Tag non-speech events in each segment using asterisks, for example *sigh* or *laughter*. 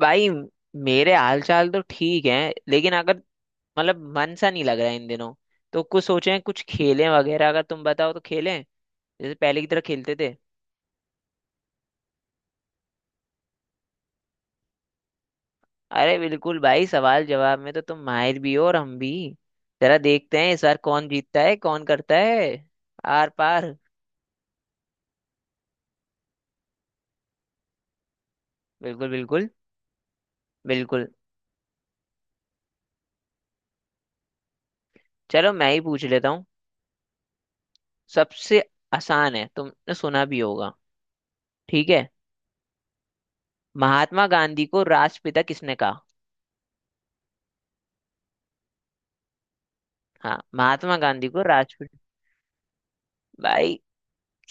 भाई मेरे हाल चाल तो ठीक है, लेकिन अगर मतलब मन सा नहीं लग रहा है इन दिनों। तो कुछ सोचे हैं, कुछ खेलें वगैरह, अगर तुम बताओ तो खेलें जैसे पहले की तरह खेलते थे। अरे बिल्कुल भाई, सवाल जवाब में तो तुम माहिर भी हो और हम भी। जरा देखते हैं इस बार कौन जीतता है, कौन करता है आर पार। बिल्कुल बिल्कुल बिल्कुल। चलो मैं ही पूछ लेता हूँ। सबसे आसान है, तुमने सुना भी होगा। ठीक है। महात्मा गांधी को राष्ट्रपिता किसने कहा। हाँ, महात्मा गांधी को राष्ट्रपिता। भाई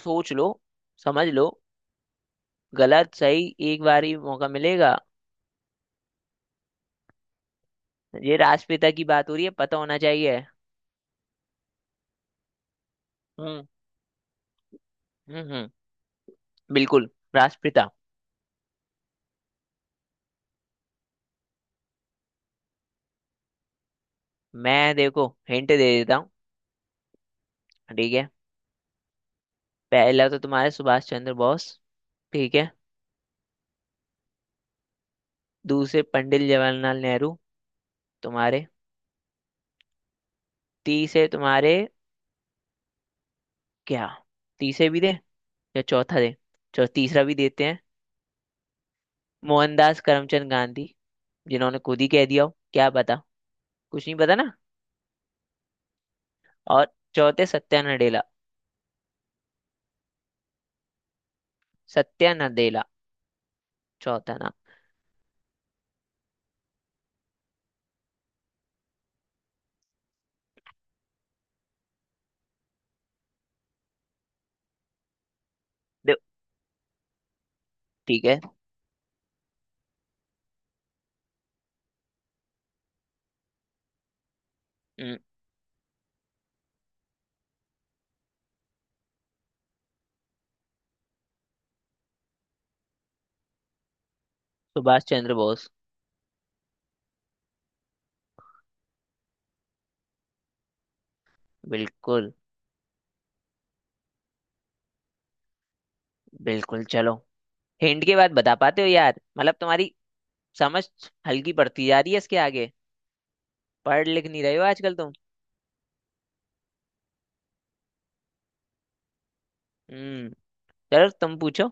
सोच लो, समझ लो। गलत सही, एक बार ही मौका मिलेगा। ये राष्ट्रपिता की बात हो रही है, पता होना चाहिए। हम्म हम्म। बिल्कुल। राष्ट्रपिता। मैं देखो, हिंट दे देता हूँ। ठीक है। पहला तो तुम्हारे सुभाष चंद्र बोस। ठीक है। दूसरे पंडित जवाहरलाल नेहरू। तुम्हारे तीसरे, तुम्हारे क्या, तीसरे भी दे या चौथा दे। चलो तीसरा भी देते हैं। मोहनदास करमचंद गांधी, जिन्होंने खुद ही कह दिया हो, क्या पता। कुछ नहीं पता ना। और चौथे सत्या नडेला। सत्या नडेला, चौथा नाम। देखो ठीक है। हम्म, सुभाष चंद्र बोस। बिल्कुल बिल्कुल। चलो, हिंट के बाद बता पाते हो यार, मतलब तुम्हारी समझ हल्की पड़ती जा रही है इसके आगे। पढ़ लिख नहीं रहे हो आजकल तुम। हम्म। चलो तुम पूछो।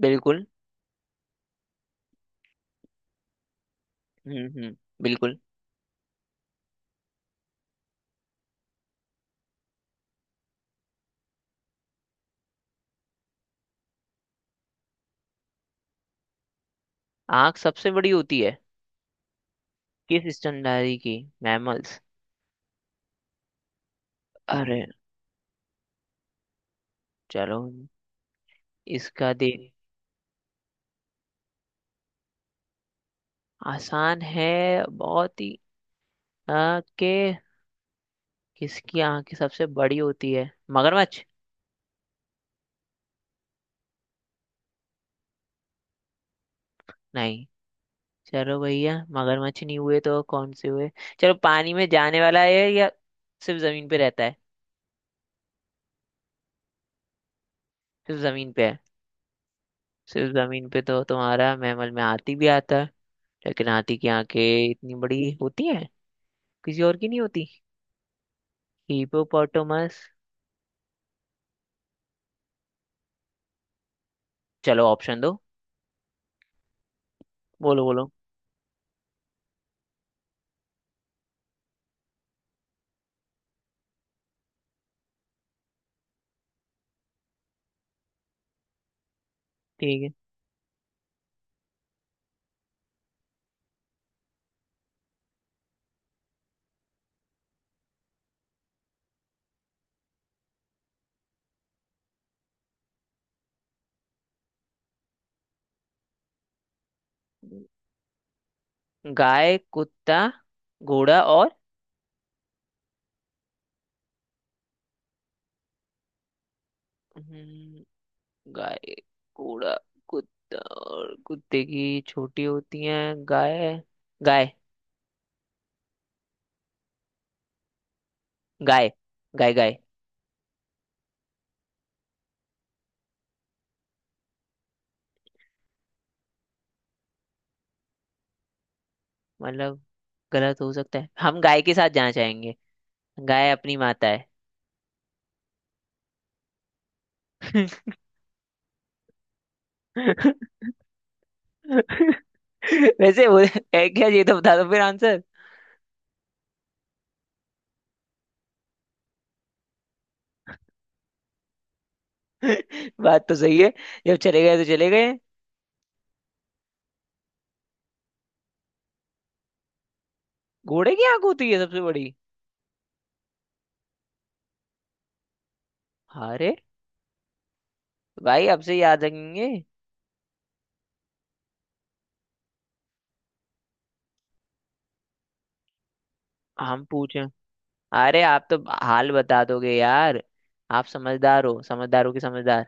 बिल्कुल। हम्म। बिल्कुल। आंख सबसे बड़ी होती है किस स्तनधारी की, मैमल्स। अरे चलो, इसका दे। आसान है बहुत ही। के किसकी आंखें सबसे बड़ी होती है। मगरमच्छ। नहीं। चलो भैया, मगरमच्छ नहीं हुए तो कौन से हुए। चलो, पानी में जाने वाला है या सिर्फ जमीन पे रहता है। सिर्फ जमीन पे है। सिर्फ जमीन पे तो तुम्हारा मैमल में हाथी भी आता है, लेकिन हाथी की आंखें इतनी बड़ी होती हैं, किसी और की नहीं होती। हिपोपोटामस। चलो ऑप्शन दो। बोलो बोलो। ठीक है। गाय, कुत्ता, घोड़ा और हम्म, गाय, घोड़ा, कुत्ता, और कुत्ते की छोटी होती है। गाय गाय गाय गाय गाय, मतलब गलत हो सकता है, हम गाय के साथ जाना चाहेंगे। गाय अपनी माता है। *laughs* वैसे वो है क्या, ये तो बता दो फिर आंसर। *laughs* बात तो सही है। जब चले गए तो चले गए। घोड़े की आंख होती है सबसे बड़ी। अरे भाई, अब से याद रखेंगे। हम पूछे। अरे आप तो हाल बता दोगे यार। आप समझदार हो, समझदारों के समझदार।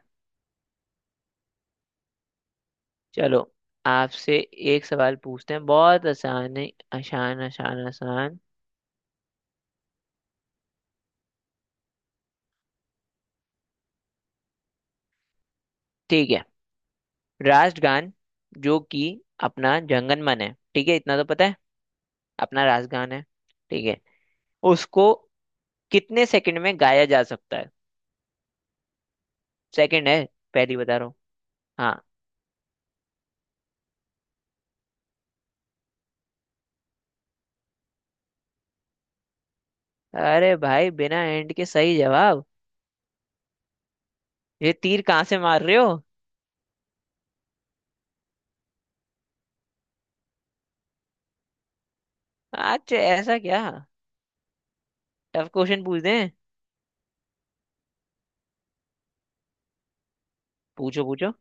चलो आपसे एक सवाल पूछते हैं, बहुत आसान है। आसान आसान आसान। ठीक है। राष्ट्रगान, जो कि अपना जंगन मन है, ठीक है, इतना तो पता है। अपना राष्ट्रगान है ठीक है। उसको कितने सेकंड में गाया जा सकता है। सेकंड है पहली बता रहा हूँ। हाँ। अरे भाई, बिना एंड के सही जवाब। ये तीर कहाँ से मार रहे हो। अच्छा ऐसा क्या। टफ क्वेश्चन पूछ दें। पूछो पूछो।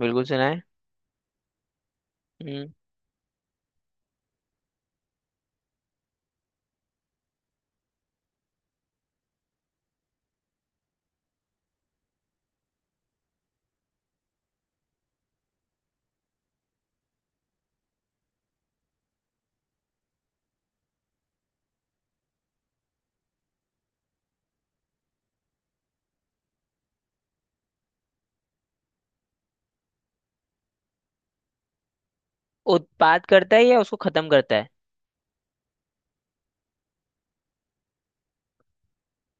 बिल्कुल सुना है। हम्म। उत्पाद करता है या उसको खत्म करता है।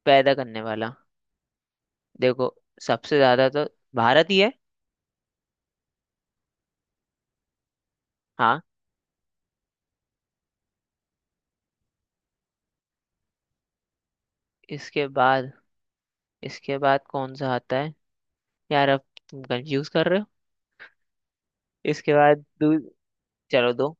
पैदा करने वाला। देखो, सबसे ज्यादा तो भारत ही है। हाँ। इसके बाद, इसके बाद कौन सा आता है। यार अब तुम कंफ्यूज कर रहे हो। इसके बाद चलो दो।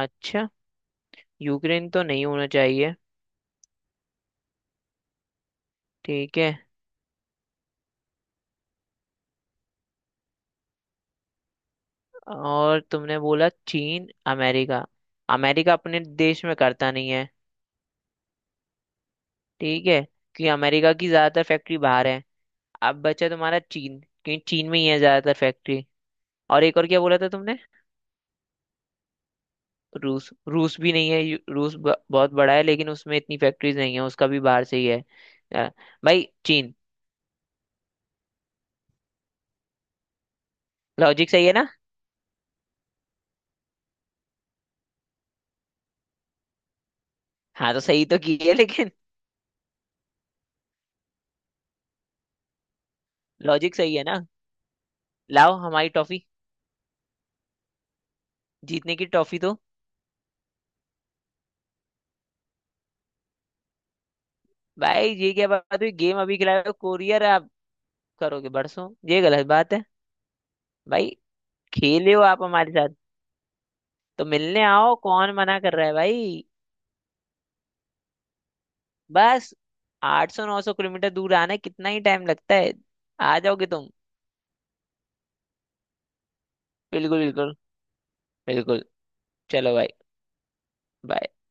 अच्छा। यूक्रेन तो नहीं होना चाहिए। ठीक है। और तुमने बोला चीन, अमेरिका। अमेरिका अपने देश में करता नहीं है। ठीक है कि अमेरिका की ज्यादातर फैक्ट्री बाहर है। अब बचा तुम्हारा चीन, क्योंकि चीन में ही है ज्यादातर फैक्ट्री। और एक और क्या बोला था तुमने। रूस। रूस भी नहीं है, रूस बहुत बड़ा है, लेकिन उसमें इतनी फैक्ट्रीज नहीं है, उसका भी बाहर से ही है। अ, भाई चीन। लॉजिक सही है ना। हाँ तो सही तो की है, लेकिन लॉजिक सही है ना। लाओ हमारी टॉफी, जीतने की टॉफी तो। भाई ये क्या बात हुई, गेम अभी खिलाए हो, कोरियर आप करोगे बरसों, ये गलत बात है भाई। खेले हो आप हमारे साथ तो मिलने आओ, कौन मना कर रहा है भाई। बस 800 900 किलोमीटर दूर आना है, कितना ही टाइम लगता है। आ जाओगे तुम। बिल्कुल बिल्कुल बिल्कुल। चलो भाई। बड़ जय filtकश है वहां, झाल 午 राले flatsकुब है, प्यूजहांजूलाधा ड़न काल je है, झाले Garlic-ає, ढौन जी के जारी unosijay Михोंताम है, Permain Cong Oreo Navक, जए रोंटोंगे हैं एation कि उले कार स�� Cristo